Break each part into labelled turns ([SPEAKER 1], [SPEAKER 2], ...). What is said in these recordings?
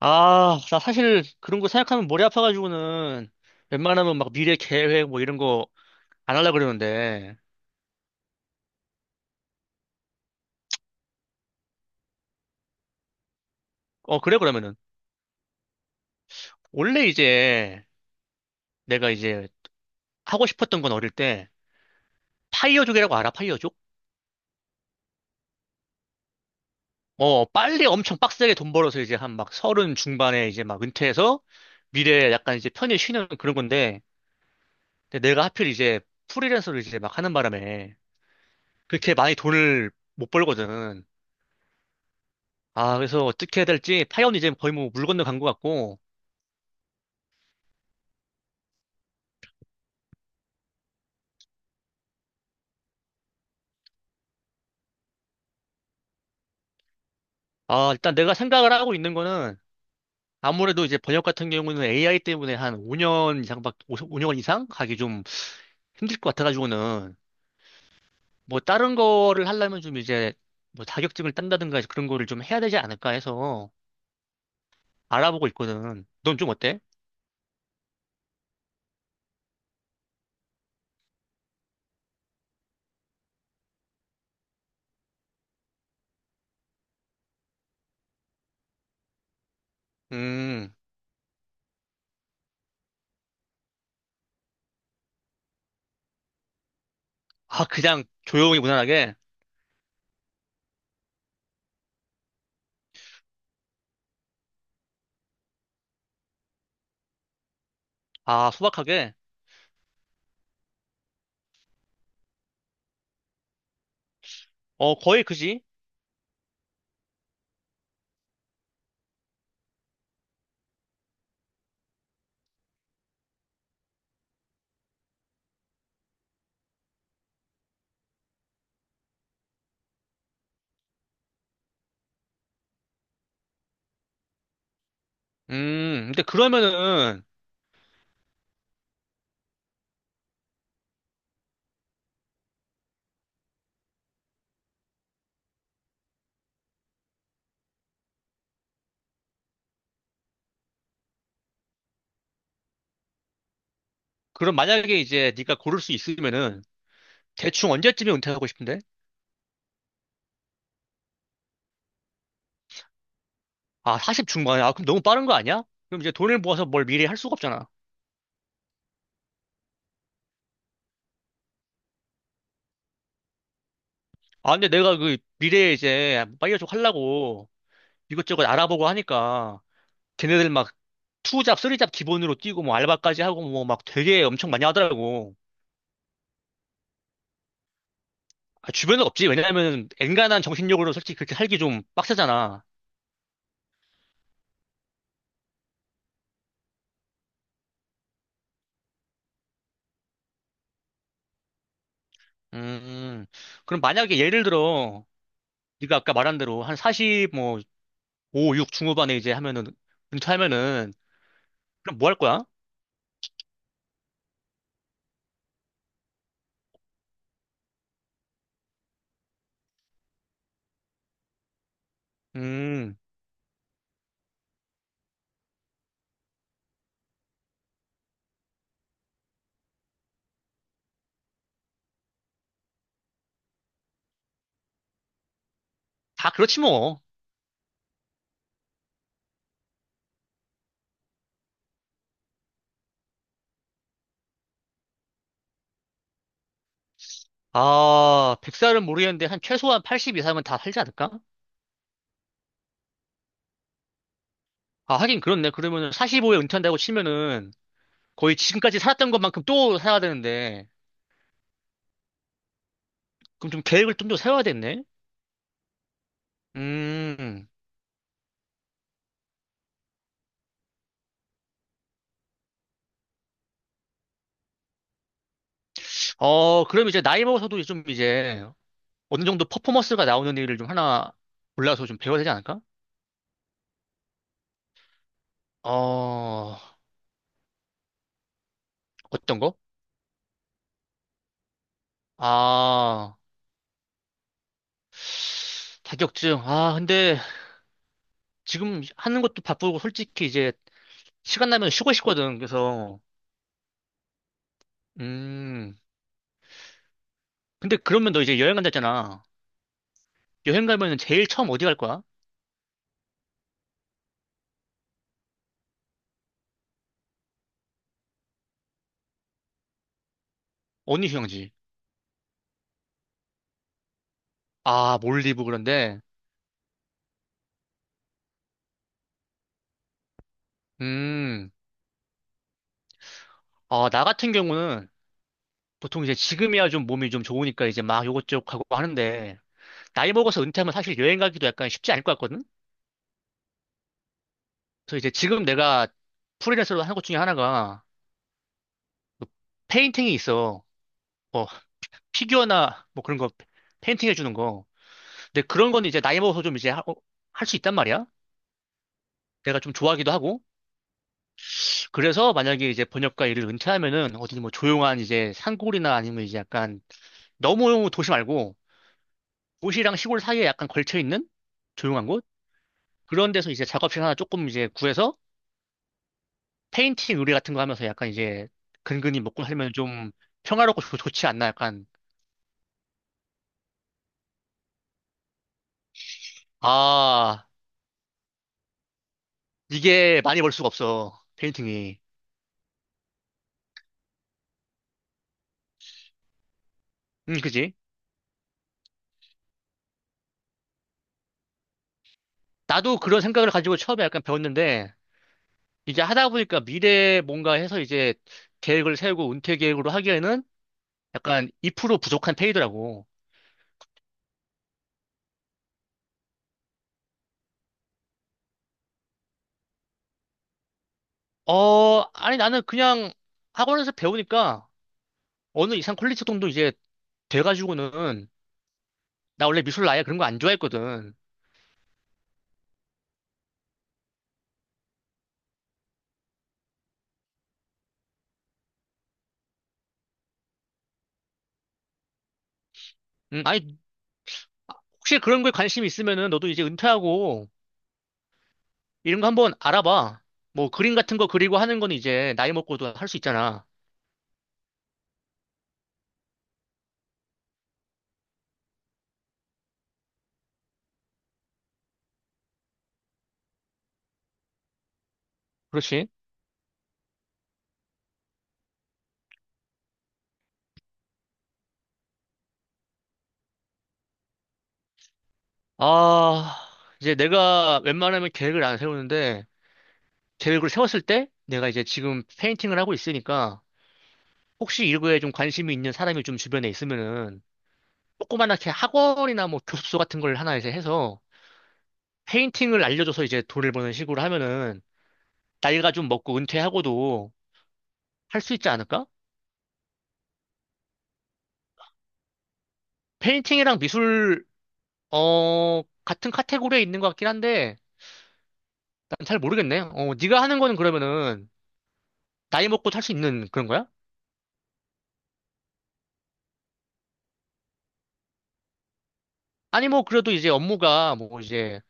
[SPEAKER 1] 아, 나 사실 그런 거 생각하면 머리 아파가지고는 웬만하면 막 미래 계획 뭐 이런 거 안 하려고 그러는데. 어, 그래, 그러면은. 원래 이제 내가 이제 하고 싶었던 건 어릴 때 파이어족이라고 알아, 파이어족? 어, 빨리 엄청 빡세게 돈 벌어서 이제 한 막 30 중반에 이제 막 은퇴해서 미래에 약간 이제 편히 쉬는 그런 건데. 근데 내가 하필 이제 프리랜서를 이제 막 하는 바람에 그렇게 많이 돈을 못 벌거든. 아, 그래서 어떻게 해야 될지 파이어는 이제 거의 뭐 물 건너간 것 같고. 아, 일단 내가 생각을 하고 있는 거는 아무래도 이제 번역 같은 경우는 AI 때문에 한 5년 이상 가기 좀 힘들 것 같아가지고는 뭐 다른 거를 하려면 좀 이제 뭐 자격증을 딴다든가 그런 거를 좀 해야 되지 않을까 해서 알아보고 있거든. 넌 좀 어때? 음, 아, 그냥 조용히 무난하게, 아, 소박하게, 어, 거의 그지? 근데 그러면은, 그럼 만약에 이제 네가 고를 수 있으면은 대충 언제쯤에 은퇴하고 싶은데? 아, 40 중반에? 아, 그럼 너무 빠른 거 아니야? 그럼 이제 돈을 모아서 뭘 미래에 할 수가 없잖아. 아, 근데 내가 그 미래에 이제 파이어족 하려고 이것저것 알아보고 하니까 걔네들 막 투잡, 쓰리잡 기본으로 뛰고 뭐 알바까지 하고 뭐 막 되게 엄청 많이 하더라고. 아, 주변은 없지. 왜냐하면 엔간한 정신력으로 솔직히 그렇게 살기 좀 빡세잖아. 음, 그럼 만약에 예를 들어 네가 아까 말한 대로 한 40, 뭐 5, 6 중후반에 이제 하면은 은퇴하면은 그럼 뭐 할 거야? 음, 다 그렇지 뭐. 아, 100살은 모르겠는데 한 최소한 80 이상은 다 살지 않을까? 아, 하긴 그렇네. 그러면 45에 은퇴한다고 치면은 거의 지금까지 살았던 것만큼 또 살아야 되는데 그럼 좀 계획을 좀 더 세워야겠네. 음. 어, 그럼 이제 나이 먹어서도 좀 이제 어느 정도 퍼포먼스가 나오는 일을 좀 하나 골라서 좀 배워야 되지 않을까? 어, 어떤 거? 아, 자격증. 아, 근데 지금 하는 것도 바쁘고 솔직히 이제 시간 나면 쉬고 싶거든. 그래서. 음. 근데 그러면 너 이제 여행 간다잖아. 여행 가면은 제일 처음 어디 갈 거야? 어느 휴양지. 아, 몰디브 그런데. 음. 아, 나 같은 경우는 보통 이제 지금이야 좀 몸이 좀 좋으니까 이제 막 요것저것 하고 하는데 나이 먹어서 은퇴하면 사실 여행 가기도 약간 쉽지 않을 것 같거든? 그래서 이제 지금 내가 프리랜서로 하는 것 중에 하나가 그 페인팅이 있어. 뭐 피규어나 뭐 그런 거 페인팅 해주는 거. 근데 그런 건 이제 나이 먹어서 좀 이제 할 수 있단 말이야. 내가 좀 좋아하기도 하고. 그래서 만약에 이제 번역가 일을 은퇴하면은 어디 뭐 조용한 이제 산골이나 아니면 이제 약간 너무 도시 말고 도시랑 시골 사이에 약간 걸쳐 있는 조용한 곳? 그런 데서 이제 작업실 하나 조금 이제 구해서 페인팅 의뢰 같은 거 하면서 약간 이제 근근히 먹고 살면 좀 평화롭고 좋지 않나 약간. 아, 이게 많이 벌 수가 없어. 페인팅이. 그지? 나도 그런 생각을 가지고 처음에 약간 배웠는데 이제 하다 보니까 미래 뭔가 해서 이제 계획을 세우고 은퇴 계획으로 하기에는 약간 2% 부족한 페이더라고. 어, 아니 나는 그냥 학원에서 배우니까 어느 이상 퀄리티 정도 이제 돼가지고는 나 원래 미술 아예 그런 거 안 좋아했거든. 아니 혹시 그런 거에 관심 이 있으면은 너도 이제 은퇴하고 이런 거 한번 알아봐. 뭐 그림 같은 거 그리고 하는 건 이제 나이 먹고도 할 수 있잖아. 그렇지? 아, 이제 내가 웬만하면 계획을 안 세우는데 계획을 세웠을 때 내가 이제 지금 페인팅을 하고 있으니까 혹시 이거에 좀 관심이 있는 사람이 좀 주변에 있으면은 조그만하게 학원이나 뭐 교습소 같은 걸 하나 이제 해서 페인팅을 알려줘서 이제 돈을 버는 식으로 하면은 나이가 좀 먹고 은퇴하고도 할 수 있지 않을까? 페인팅이랑 미술 같은 카테고리에 있는 것 같긴 한데 난 잘 모르겠네. 어, 네가 하는 거는 그러면은 나이 먹고 할 수 있는 그런 거야? 아니 뭐 그래도 이제 업무가 뭐 이제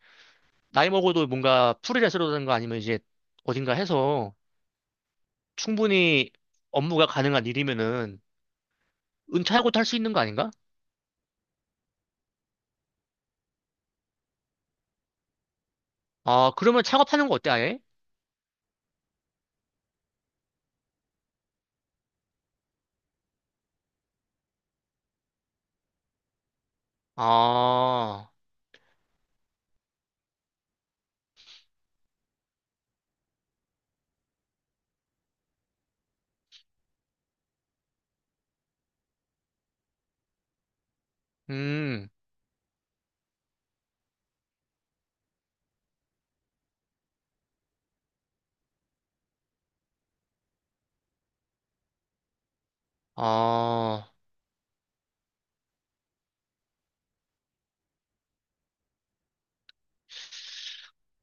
[SPEAKER 1] 나이 먹어도 뭔가 프리랜서라든가 아니면 이제 어딘가 해서 충분히 업무가 가능한 일이면은 은퇴하고도 할 수 있는 거 아닌가? 아, 그러면 창업하는 거 어때, 아예? 아, 음, 아.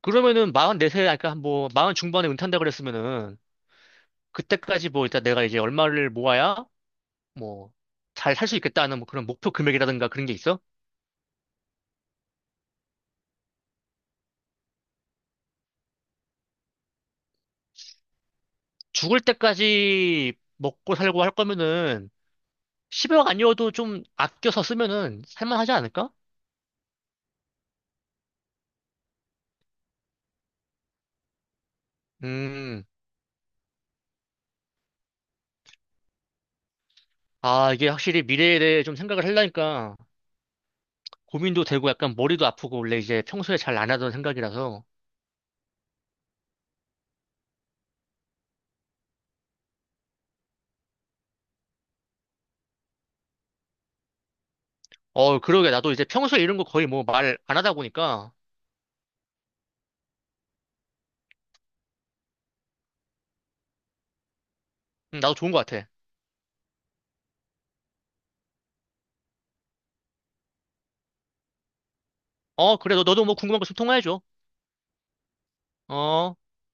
[SPEAKER 1] 그러면은 마흔 네 세 그러니까 뭐, 40 중반에 은퇴한다 그랬으면은, 그때까지 뭐, 일단 내가 이제 얼마를 모아야, 뭐, 잘 살 수 있겠다는 뭐 그런 목표 금액이라든가 그런 게 있어? 죽을 때까지 먹고 살고 할 거면은, 10억 아니어도 좀 아껴서 쓰면은, 살만하지 않을까? 음, 아, 이게 확실히 미래에 대해 좀 생각을 하려니까, 고민도 되고 약간 머리도 아프고, 원래 이제 평소에 잘 안 하던 생각이라서, 어, 그러게. 나도 이제 평소에 이런 거 거의 뭐 말 안 하다 보니까, 나도 좋은 것 같아. 어, 그래. 너도 뭐 궁금한 거 좀 통화해줘. 어.